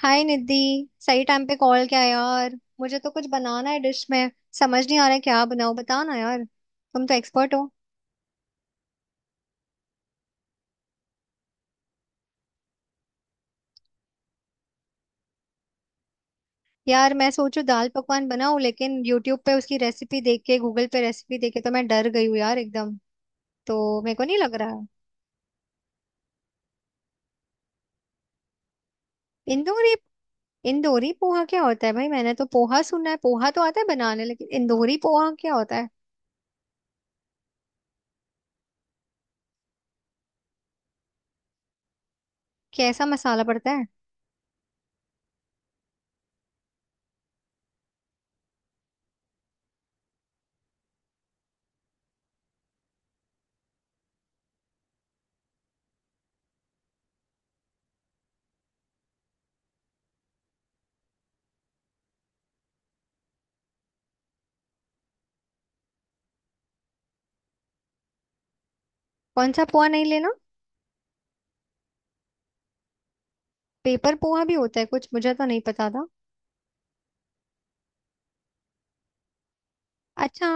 हाय निधि। सही टाइम पे कॉल किया यार, मुझे तो कुछ बनाना है, डिश में समझ नहीं आ रहा है क्या बनाऊं। बताओ ना यार, तुम तो एक्सपर्ट हो। यार मैं सोचू दाल पकवान बनाऊं, लेकिन यूट्यूब पे उसकी रेसिपी देख के, गूगल पे रेसिपी देख के तो मैं डर गई हूँ यार एकदम। तो मेरे को नहीं लग रहा है। इंदौरी? इंदौरी पोहा क्या होता है भाई? मैंने तो पोहा सुना है, पोहा तो आता है बनाने, लेकिन इंदौरी पोहा क्या होता है? कैसा मसाला पड़ता है? कौन सा पोहा नहीं लेना? पेपर पोहा भी होता है कुछ? मुझे तो नहीं पता था। अच्छा।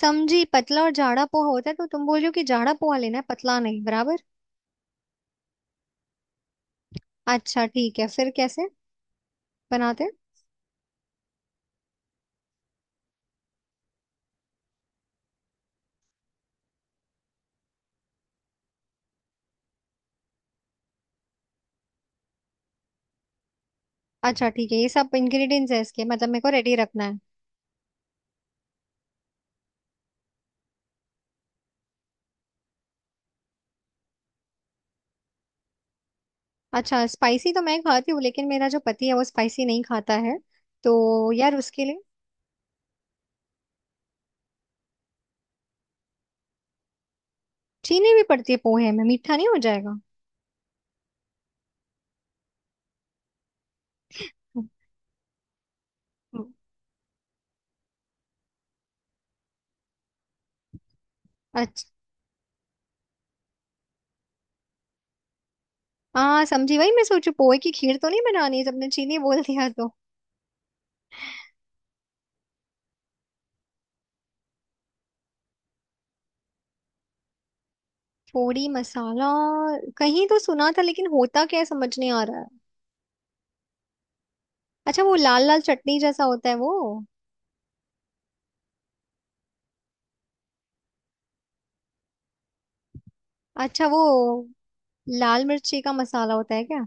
समझी, पतला और जाड़ा पोहा होता है, तो तुम बोल रही हो कि जाड़ा पोहा लेना है पतला नहीं, बराबर। अच्छा ठीक है, फिर कैसे बनाते हैं? अच्छा ठीक है, ये सब इंग्रेडिएंट्स है इसके मतलब, मेरे को रेडी रखना है। अच्छा स्पाइसी तो मैं खाती हूँ, लेकिन मेरा जो पति है वो स्पाइसी नहीं खाता है, तो यार उसके लिए। चीनी भी पड़ती है पोहे में? मीठा नहीं हो जाएगा? हम्म। अच्छा। हाँ समझी, वही मैं सोचू पोहे की खीर तो नहीं बनानी, सबने चीनी बोल दिया तो। पोड़ी मसाला कहीं तो सुना था, लेकिन होता क्या है समझ नहीं आ रहा है। अच्छा, वो लाल लाल चटनी जैसा होता है वो? अच्छा, वो लाल मिर्ची का मसाला होता है क्या?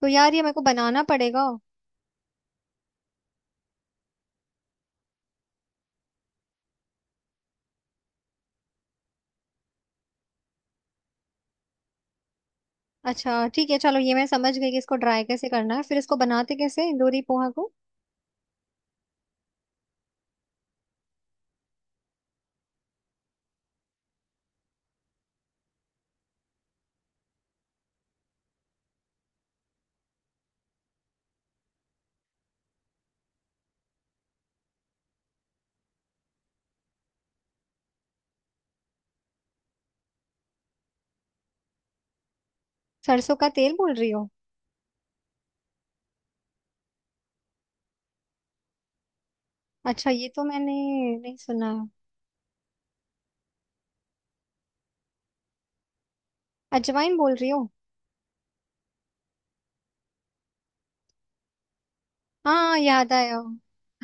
तो यार ये मेरे को बनाना पड़ेगा? अच्छा ठीक है चलो, ये मैं समझ गई कि इसको ड्राई कैसे करना है, फिर इसको बनाते कैसे दोरी पोहा को? सरसों का तेल बोल रही हो? अच्छा, ये तो मैंने नहीं सुना है। अजवाइन बोल रही हो? हाँ याद आया,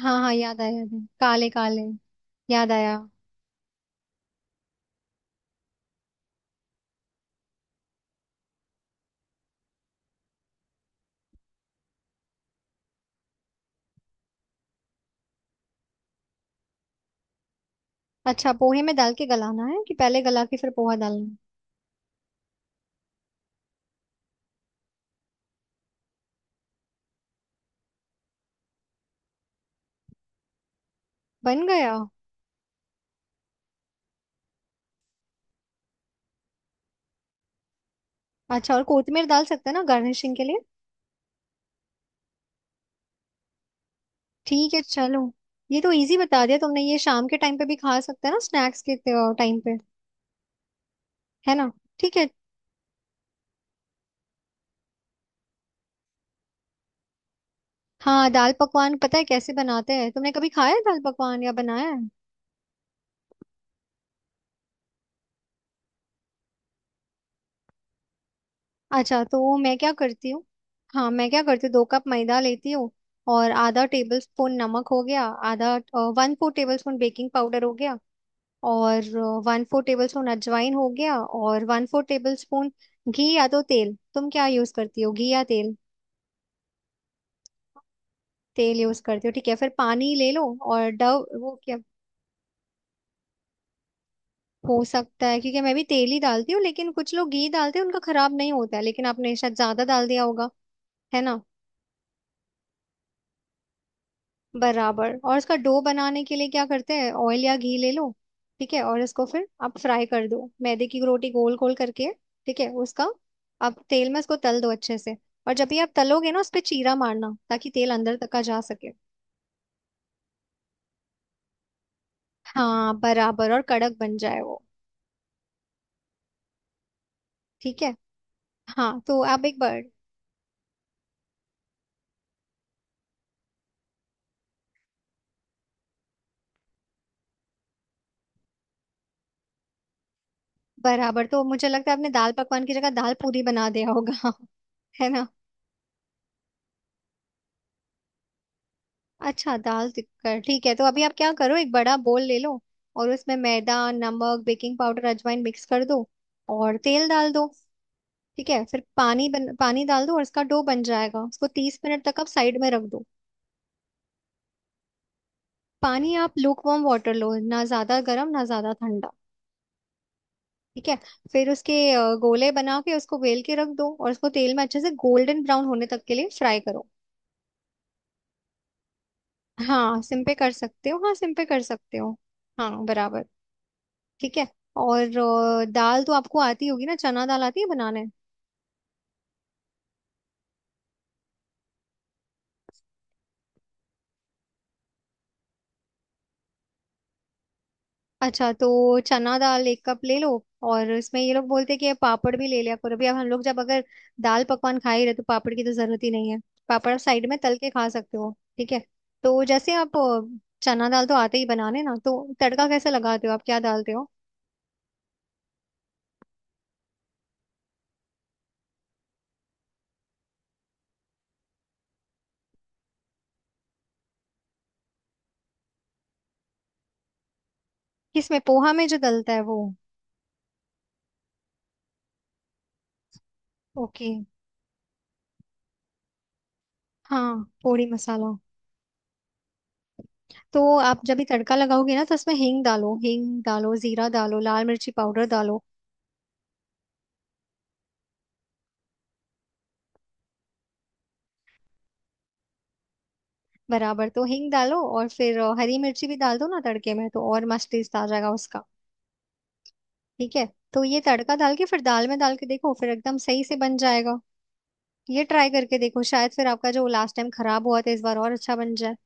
हाँ हाँ याद आया याद आया, काले काले। याद आया। अच्छा, पोहे में डाल के गलाना है कि पहले गला के फिर पोहा डालना है? बन गया। अच्छा और कोथिमीर डाल सकते हैं ना गार्निशिंग के लिए? ठीक है चलो। ये तो इजी बता दिया तुमने, ये शाम के टाइम पे भी खा सकते हैं ना स्नैक्स के टाइम पे? है ना? ठीक है। हाँ दाल पकवान पता है कैसे बनाते हैं, तुमने कभी खाया है दाल पकवान या बनाया है? अच्छा, तो मैं क्या करती हूँ। हाँ मैं क्या करती हूँ, 2 कप मैदा लेती हूँ। और ½ टेबल स्पून नमक हो गया। आधा, ¼ टेबल स्पून बेकिंग पाउडर हो गया। और ¼ टेबल स्पून अजवाइन हो गया। और वन फोर टेबल स्पून घी या तो तेल, तुम क्या यूज करती हो, घी या तेल? तेल यूज करती हूँ, ठीक है, फिर पानी ले लो। और डव वो क्या। हो सकता है, क्योंकि मैं भी तेल ही डालती हूँ, लेकिन कुछ लोग घी डालते हैं उनका खराब नहीं होता है, लेकिन आपने शायद ज्यादा डाल दिया होगा, है ना? बराबर। और इसका डो बनाने के लिए क्या करते हैं, ऑयल या घी ले लो, ठीक है। और इसको फिर आप फ्राई कर दो, मैदे की रोटी गोल गोल करके, ठीक है उसका। आप तेल में इसको तल दो अच्छे से। और जब भी आप तलोगे ना, उस पे चीरा मारना ताकि तेल अंदर तक का जा सके। हाँ बराबर, और कड़क बन जाए वो। ठीक है। हाँ तो आप एक बार। बराबर, तो मुझे लगता है आपने दाल पकवान की जगह दाल पूरी बना दिया होगा। है ना? अच्छा, दाल टिक्कर ठीक है, तो अभी आप क्या करो, एक बड़ा बोल ले लो, और उसमें मैदा, नमक, बेकिंग पाउडर, अजवाइन मिक्स कर दो, और तेल डाल दो। ठीक है, फिर पानी डाल दो और इसका डो बन जाएगा, उसको 30 मिनट तक आप साइड में रख दो। पानी आप लूकवार्म वाटर लो, ना ज्यादा गर्म ना ज्यादा ठंडा। ठीक है। फिर उसके गोले बना के उसको बेल के रख दो, और उसको तेल में अच्छे से गोल्डन ब्राउन होने तक के लिए फ्राई करो। हाँ सिम पे कर सकते हो, हाँ सिम पे कर सकते हो। हाँ बराबर। ठीक है। और दाल तो आपको आती होगी ना, चना दाल आती है बनाने? अच्छा तो चना दाल 1 कप ले लो। और इसमें ये लोग बोलते हैं कि पापड़ भी ले लिया करो, अभी अब हम लोग जब अगर दाल पकवान खा ही रहे तो पापड़ की तो जरूरत ही नहीं है, पापड़ आप साइड में तल के खा सकते हो। ठीक है। तो जैसे आप चना दाल तो आते ही बनाने ना, तो तड़का कैसे लगाते हो, आप क्या डालते हो? किसमें, पोहा में जो डलता है वो? ओके। हाँ पोड़ी मसाला, तो आप जब भी तड़का लगाओगे ना तो उसमें हींग डालो, हींग डालो, जीरा डालो, लाल मिर्ची पाउडर डालो। बराबर, तो हींग डालो और फिर हरी मिर्ची भी डाल दो ना तड़के में, तो और मस्त टेस्ट आ जाएगा उसका। ठीक है। तो ये तड़का डाल के फिर दाल में डाल के देखो, फिर एकदम सही से बन जाएगा। ये ट्राई करके देखो, शायद फिर आपका जो लास्ट टाइम खराब हुआ था इस बार और अच्छा बन जाए।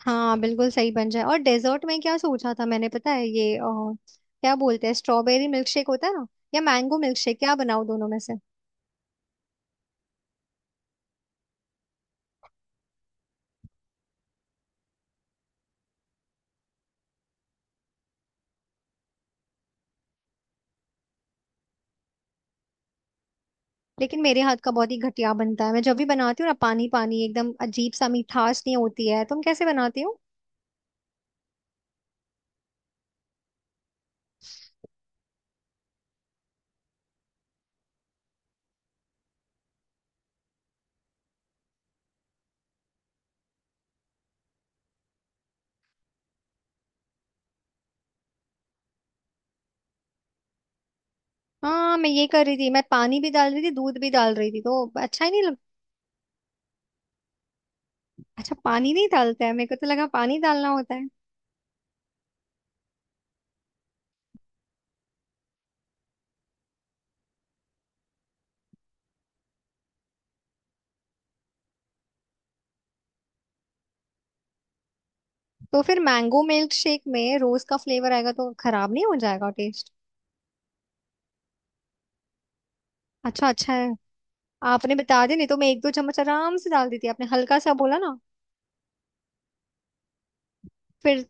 हाँ बिल्कुल सही बन जाए। और डेजर्ट में क्या सोचा था मैंने पता है, ये क्या बोलते हैं, स्ट्रॉबेरी मिल्क शेक होता है ना, या मैंगो मिल्क शेक, क्या बनाओ दोनों में से? लेकिन मेरे हाथ का बहुत ही घटिया बनता है, मैं जब भी बनाती हूँ ना, पानी पानी एकदम अजीब सा, मिठास नहीं होती है, तुम कैसे बनाती हो? हाँ मैं ये कर रही थी, मैं पानी भी डाल रही थी दूध भी डाल रही थी, तो अच्छा ही नहीं लग। अच्छा पानी नहीं डालते हैं? मेरे को तो लगा पानी डालना होता है। तो फिर मैंगो मिल्क शेक में रोज का फ्लेवर आएगा, तो खराब नहीं हो जाएगा टेस्ट? अच्छा, अच्छा है। आपने बता दिया, नहीं तो मैं एक दो चम्मच आराम से डाल देती, आपने हल्का सा बोला ना। फिर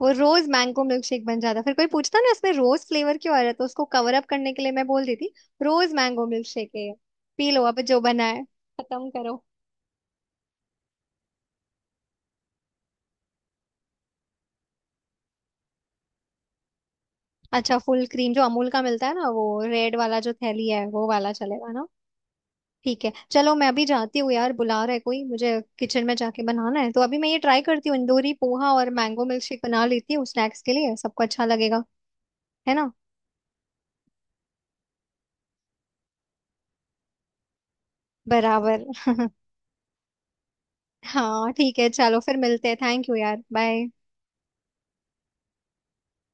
वो रोज मैंगो मिल्कशेक बन जाता, फिर कोई पूछता ना, इसमें रोज फ्लेवर क्यों आ रहा है, तो उसको कवर अप करने के लिए मैं बोल देती, रोज मैंगो मिल्कशेक है ये, पी लो अब जो बना है, खत्म करो। अच्छा, फुल क्रीम जो अमूल का मिलता है ना, वो रेड वाला जो थैली है, वो वाला चलेगा ना? ठीक है चलो, मैं अभी जाती हूँ यार, बुला रहा है कोई मुझे, किचन में जाके बनाना है, तो अभी मैं ये ट्राई करती हूँ इंदौरी पोहा और मैंगो मिल्कशेक बना लेती हूँ, स्नैक्स के लिए सबको अच्छा लगेगा, है ना? बराबर। हाँ ठीक है चलो, फिर मिलते हैं, थैंक यू यार, बाय।